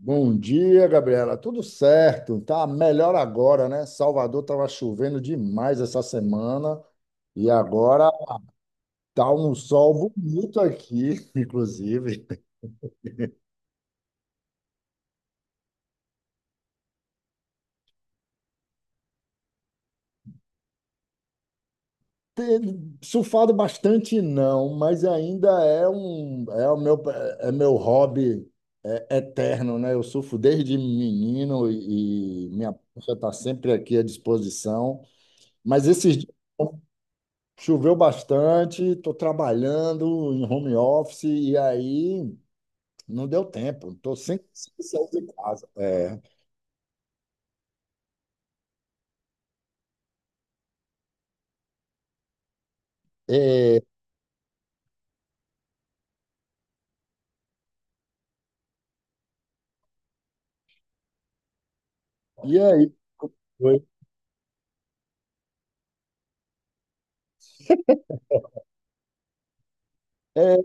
Bom dia, Gabriela. Tudo certo? Tá melhor agora, né? Salvador estava chovendo demais essa semana e agora tá um sol bonito aqui, inclusive. Tem surfado bastante não, mas ainda é um é o meu é meu hobby é, eterno, né? Eu surfo desde menino e minha prancha está sempre aqui à disposição. Mas esses Choveu bastante, estou trabalhando em home office e aí não deu tempo. Estou sem sair de casa. É, é, e aí? Como foi? É,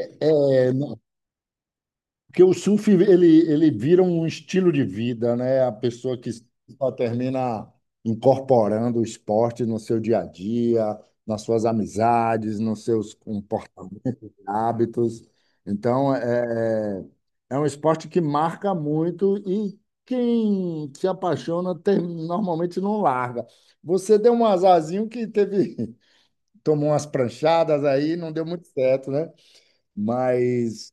é, não, porque o surf ele vira um estilo de vida, né? A pessoa que só termina incorporando o esporte no seu dia a dia, nas suas amizades, nos seus hábitos. Então, é um esporte que marca muito e quem se apaixona normalmente não larga. Você deu um azarzinho que teve, tomou umas pranchadas aí, não deu muito certo, né? Mas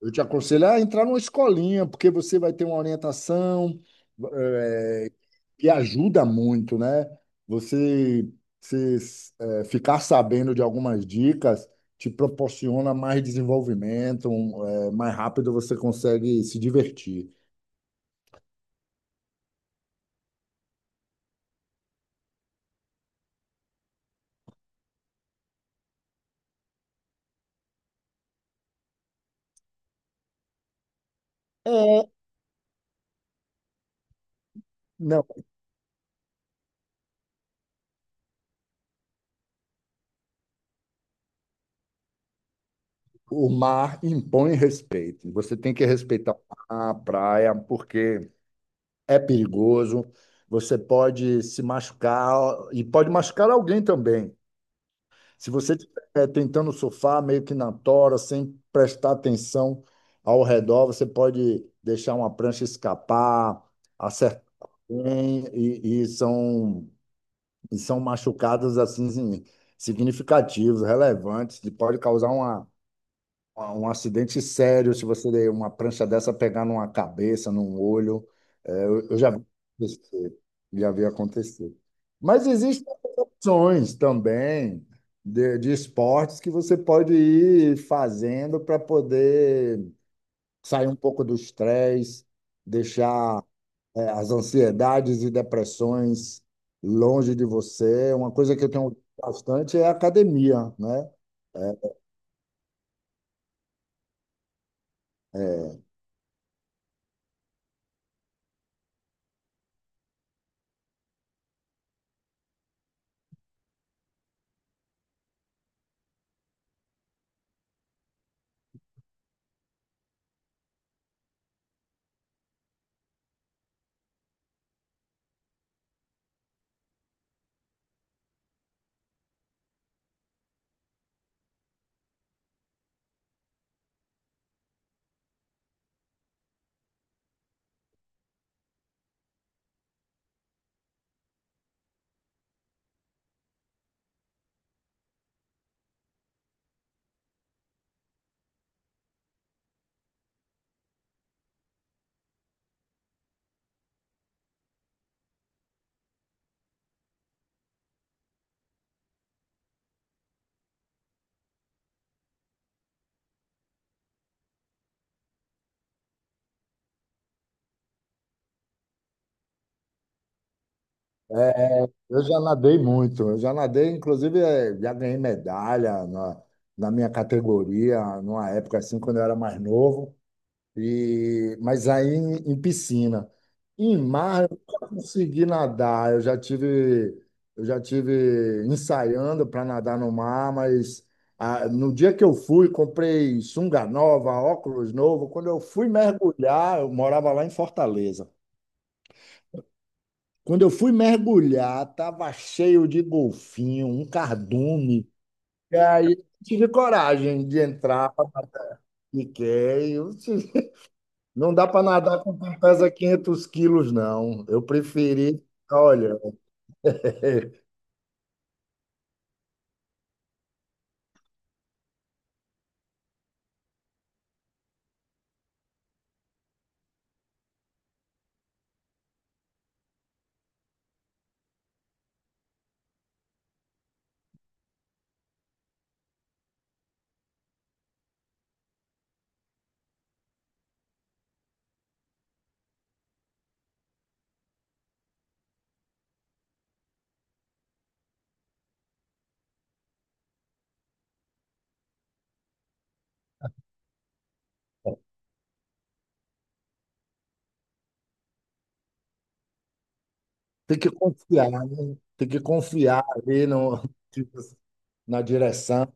eu te aconselho a entrar numa escolinha, porque você vai ter uma orientação eh, que ajuda muito, né? Você, se, ficar sabendo de algumas dicas te proporciona mais desenvolvimento, mais rápido você consegue se divertir. É, não, o mar impõe respeito. Você tem que respeitar a praia, porque é perigoso. Você pode se machucar e pode machucar alguém também. Se você estiver tentando surfar meio que na tora, sem prestar atenção ao redor, você pode deixar uma prancha escapar, acertar alguém, e são machucados assim significativos, relevantes, que pode causar um acidente sério. Se você der uma prancha dessa pegar numa cabeça, num olho, eu já vi acontecer, já vi acontecer. Mas existem outras opções também de esportes que você pode ir fazendo para poder sair um pouco do estresse, deixar, as ansiedades e depressões longe de você. Uma coisa que eu tenho bastante é a academia, né? É, é, É, eu já nadei muito, eu já nadei, inclusive já ganhei medalha na minha categoria, numa época assim, quando eu era mais novo, mas aí em piscina. Em mar, eu nunca consegui nadar, eu já tive ensaiando para nadar no mar, mas no dia que eu fui, comprei sunga nova, óculos novo, quando eu fui mergulhar, eu morava lá em Fortaleza. Quando eu fui mergulhar, estava cheio de golfinho, um cardume. E aí eu tive coragem de entrar, fiquei. Eu disse, não dá para nadar com quem pesa 500 quilos, não. Eu preferi, olha, tem que confiar, né? Tem que confiar ali no, na direção.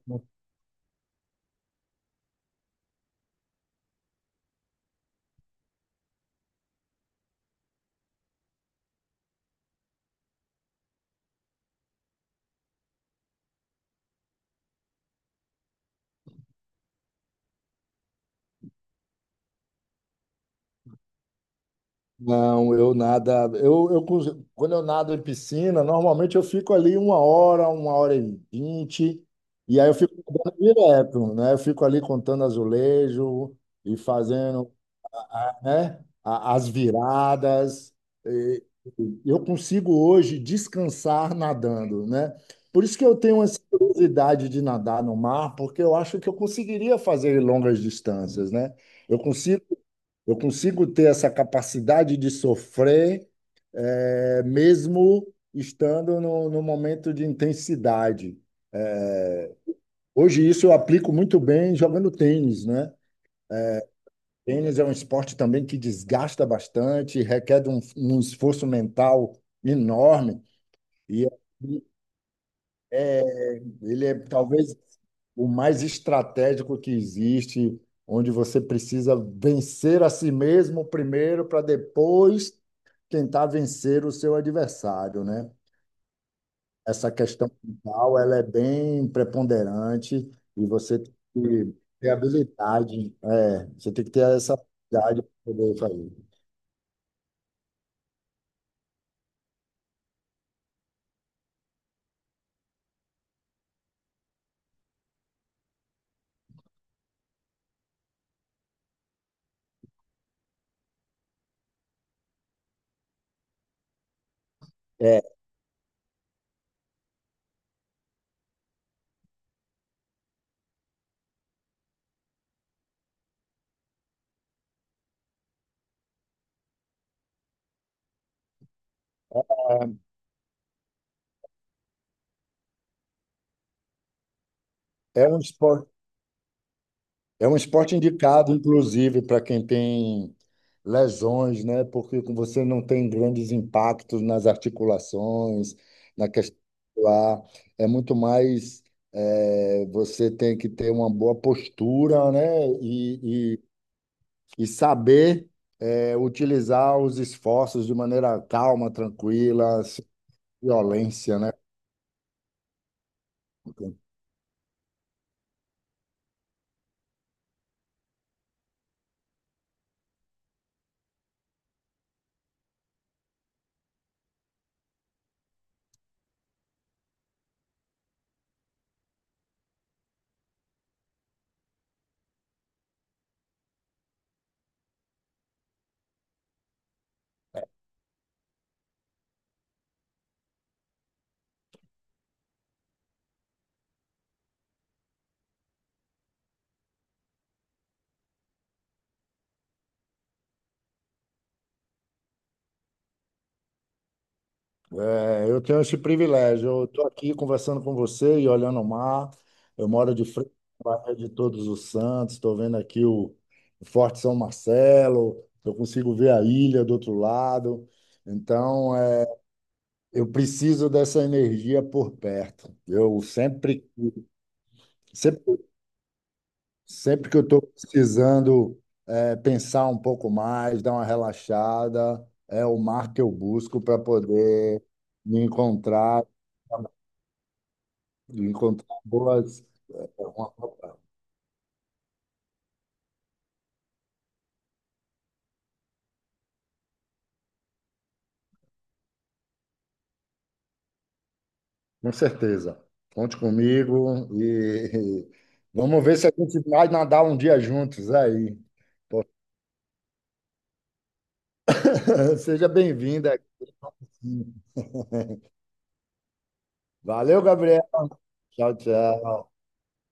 Não, eu nada. Quando eu nado em piscina, normalmente eu fico ali uma hora e 20, e aí eu fico nadando direto, né? Eu fico ali contando azulejo e fazendo né? As viradas. E- Eu consigo hoje descansar nadando, né? Por isso que eu tenho essa curiosidade de nadar no mar, porque eu acho que eu conseguiria fazer longas distâncias, né? Eu consigo, eu consigo ter essa capacidade de sofrer, mesmo estando no momento de intensidade. Hoje isso eu aplico muito bem jogando tênis, né? Tênis é um esporte também que desgasta bastante, requer um esforço mental enorme, e ele é talvez o mais estratégico que existe, onde você precisa vencer a si mesmo primeiro para depois tentar vencer o seu adversário, né? Essa questão mental, ela é bem preponderante e você tem que ter habilidade, é, você tem que ter essa habilidade para poder fazer. É, é, É um esporte, é um esporte indicado, inclusive, para quem tem lesões, né? Porque você não tem grandes impactos nas articulações, na questão lá. É muito mais, você tem que ter uma boa postura, né? E saber, utilizar os esforços de maneira calma, tranquila, sem violência, né? É, eu tenho esse privilégio. Eu estou aqui conversando com você e olhando o mar. Eu moro de frente à Baía de Todos os Santos. Estou vendo aqui o Forte São Marcelo. Eu consigo ver a ilha do outro lado. Então, eu preciso dessa energia por perto. Eu sempre, sempre, sempre que eu estou precisando, pensar um pouco mais, dar uma relaxada, é o mar que eu busco para poder me encontrar, encontrar boas. Com certeza. Conte comigo e vamos ver se a gente vai nadar um dia juntos aí. Seja bem-vinda aqui. Valeu, Gabriel. Tchau, tchau.